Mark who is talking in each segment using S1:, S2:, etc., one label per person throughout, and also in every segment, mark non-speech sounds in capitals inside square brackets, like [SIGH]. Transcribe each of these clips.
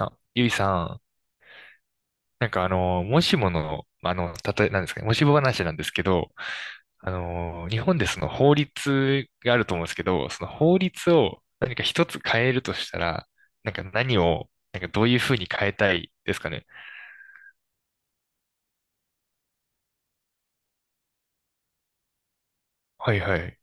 S1: あ、ゆいさん、なんかもしもの、たとえ、なんですかね、もしも話なんですけど、日本でその法律があると思うんですけど、その法律を何か一つ変えるとしたら、なんか何を、なんかどういうふうに変えたいですかね。はいはい。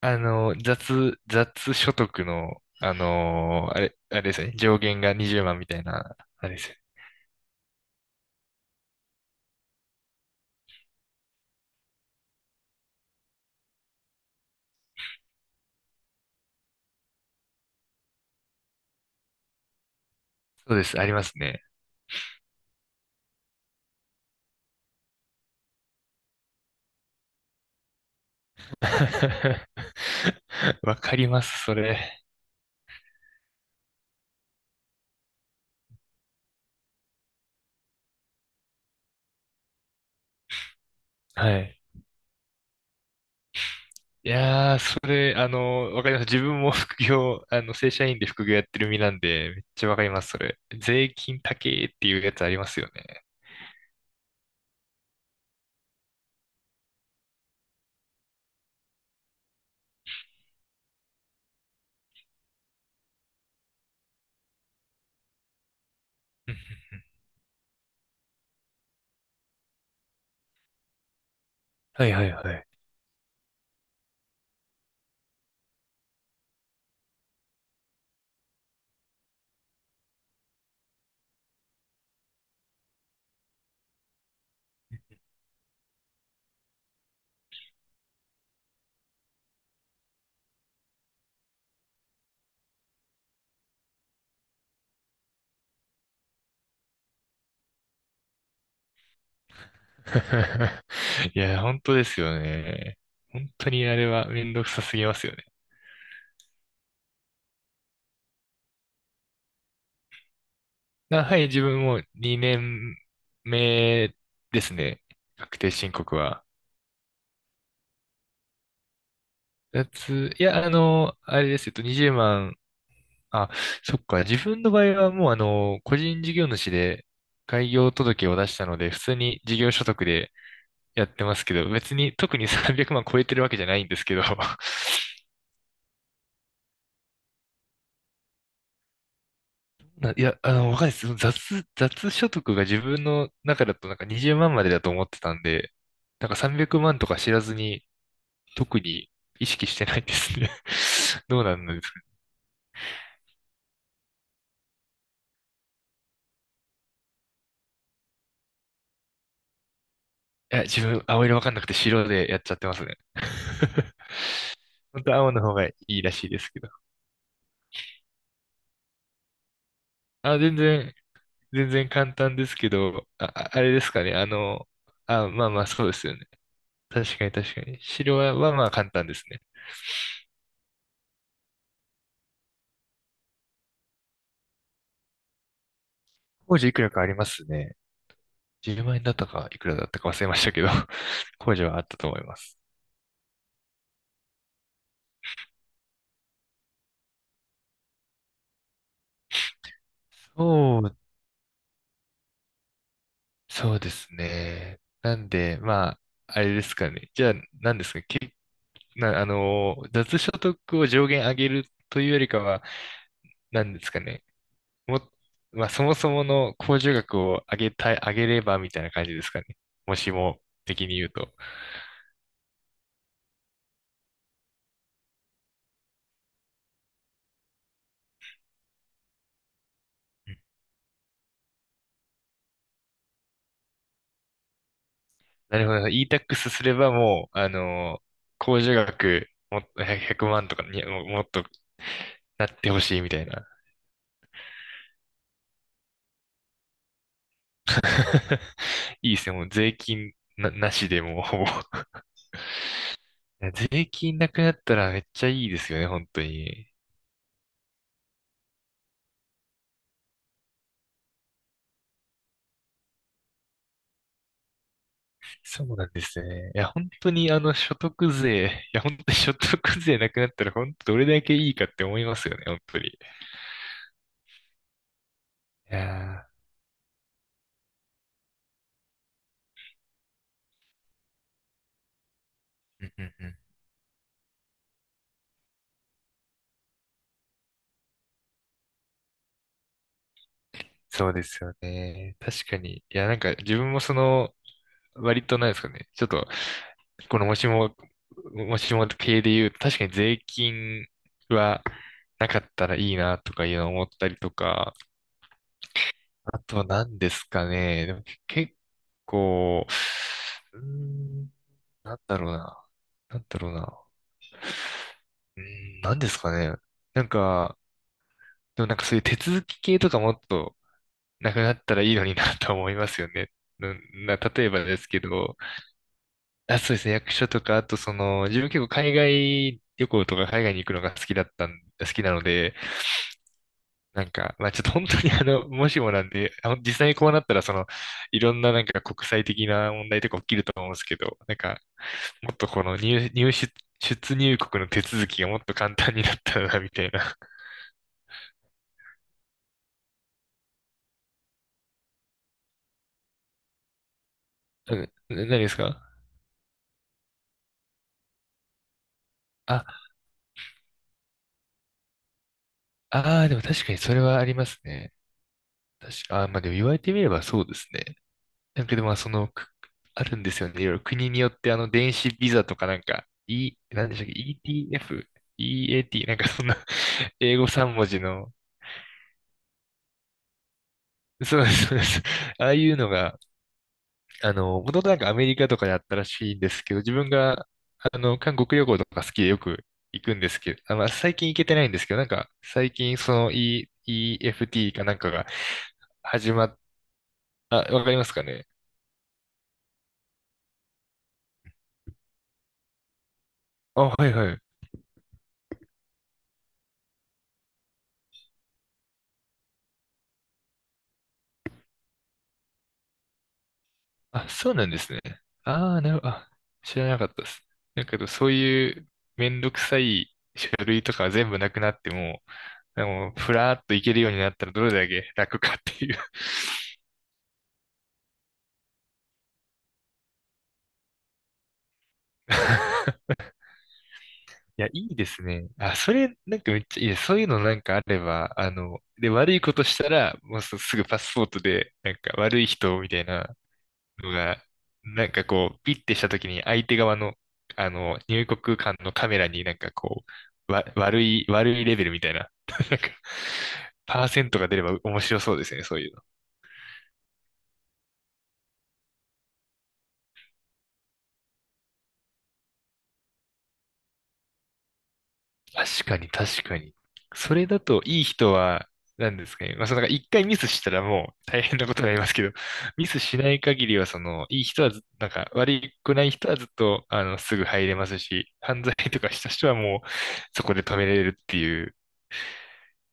S1: 雑所得の、あの、あれ、あれですよね、上限が20万みたいな、あれですよ。そうです、ありますね。[LAUGHS] わかります、それ。はい。いやー、それ、わかります。自分も副業、正社員で副業やってる身なんで、めっちゃわかります、それ。税金高えっていうやつありますよね。うん、はいはいはい。[LAUGHS] いや、本当ですよね。本当にあれはめんどくさすぎますよね。あ、はい、自分も2年目ですね。確定申告は。いや、あれです。20万、あ、そっか。自分の場合はもう個人事業主で開業届を出したので、普通に事業所得でやってますけど、別に特に300万超えてるわけじゃないんですけど、[LAUGHS] ないや、わかんないです。その雑所得が自分の中だとなんか20万まんまでだと思ってたんで、なんか300万とか知らずに特に意識してないですね。[LAUGHS] どうなんですかね。いや、自分青色わかんなくて白でやっちゃってますね。[LAUGHS] 本当は青の方がいいらしいですけど。あ、全然簡単ですけど、あ、ああれですかね。あ、まあまあ、そうですよね。確かに確かに。白はまあ簡単ですね。工事いくらかありますね。10万円だったか、いくらだったか忘れましたけど、[LAUGHS] 工事はあったと思います。そう、そうですね。なんで、まあ、あれですかね。じゃあ、何ですかね。け、な、あの、雑所得を上限上げるというよりかは、なんですかね。も、まあ、そもそもの控除額を上げたい、上げればみたいな感じですかね。もしも的に言うと。なるほど。e-tax すればもう、控除額もっと100万とかにももっとなってほしいみたいな。[LAUGHS] いいですね。もう税金な、なしでもうほぼいや [LAUGHS] 税金なくなったらめっちゃいいですよね、本当に。そうなんですね。いや、本当に所得税、いや、本当に [LAUGHS] 所得税なくなったら本当どれだけいいかって思いますよね、本当に。いやー、うんうんうん。そうですよね。確かに。いや、なんか自分もその、割となんですかね。ちょっと、このもしも系で言うと、確かに税金はなかったらいいなとかいうのを思ったりとか、あとは何ですかね。でも結構、うーん、なんだろうな。なんだろうな。うー何ですかね。なんか、でもなんかそういう手続き系とかもっと、なくなったらいいのになと思いますよね。[LAUGHS] うんな、例えばですけど、あ、そうですね、役所とか、あとその、自分結構海外旅行とか海外に行くのが好きなので、なんか、まあちょっと本当に [LAUGHS] もしもなんで、実際にこうなったら、その、いろんななんか国際的な問題とか起きると思うんですけど、なんか、もっとこの入、入出、出入国の手続きがもっと簡単になったらな、みたいな。[LAUGHS] うん、何ですかあ、ああ、でも確かにそれはありますね。確か、あ、まあでも言われてみればそうですね。なんかでもまあその、あるんですよね。いろいろ国によって電子ビザとかなんか、なんでしたっけ？ ETF、EAT、なんかそんな [LAUGHS] 英語3文字の、そうです、そうです。ああいうのが、もともとなんかアメリカとかであったらしいんですけど、自分が、韓国旅行とか好きでよく行くんですけど、あ、まあ最近行けてないんですけど、なんか最近その EFT かなんかが始まっ、あ、わかりますかね。あ、はいはい。あ、そうなんですね。ああ、なるほど。あ、知らなかったです。だけど、そういうめんどくさい書類とかは全部なくなっても、でもふらーっといけるようになったらどれだけ楽かっていう。 [LAUGHS] いや、いいですね。あ、それ、なんかめっちゃいいです。そういうのなんかあれば、で、悪いことしたら、もうすぐパスポートで、なんか悪い人みたいな、のが、なんかこう、ピッてした時に相手側の、入国間のカメラになんかこう、わ、悪い、悪いレベルみたいな、[LAUGHS] なんか、パーセントが出れば面白そうですね、そういうの。確かに、確かに。それだといい人は、なんですかね。まあ、そのなんか一回ミスしたらもう大変なことになりますけど、ミスしない限りは、その、いい人はず、なんか、悪くない人はずっと、すぐ入れますし、犯罪とかした人はもう、そこで止めれるっていう。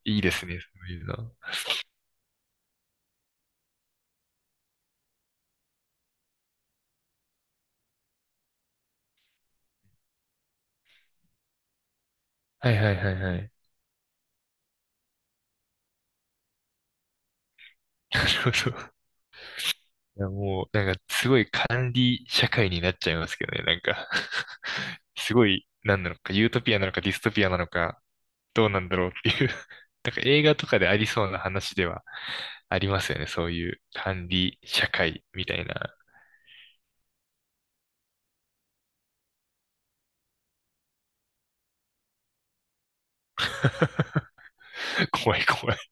S1: いいですね、そういうの。はいはいはいはい。なるほど。いやもう、なんかすごい管理社会になっちゃいますけどね、なんか [LAUGHS] すごい、なんなのか、ユートピアなのかディストピアなのか、どうなんだろうっていう。 [LAUGHS] なんか映画とかでありそうな話ではありますよね、そういう管理社会みたいな。[LAUGHS] 怖い怖い。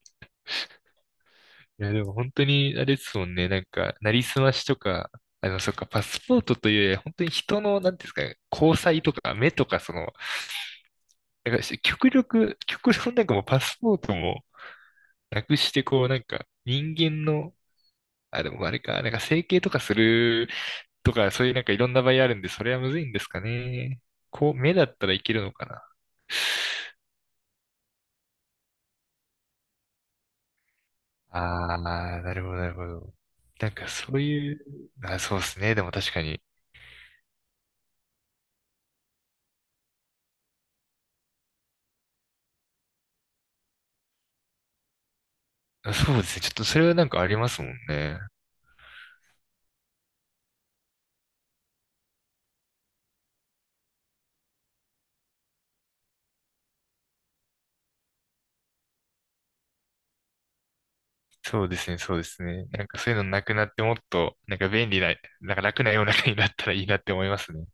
S1: いやでも本当にあれですもんね、なんか、なりすましとか、そっか、パスポートというより本当に人の、なんていうんですかね、交際とか、目とか、その、なんか極力、極論なんかもうパスポートもなくして、こうなんか人間の、あ、でもあれか、なんか整形とかするとか、そういうなんかいろんな場合あるんで、それはむずいんですかね。こう、目だったらいけるのかな。ああ、なるほど、なるほど。なんかそういう、あ、そうですね。でも確かに。あそうですね。ちょっとそれはなんかありますもんね。そうですね、そうですね。なんかそういうのなくなってもっと、なんか便利な、なんか楽な世の中になったらいいなって思いますね。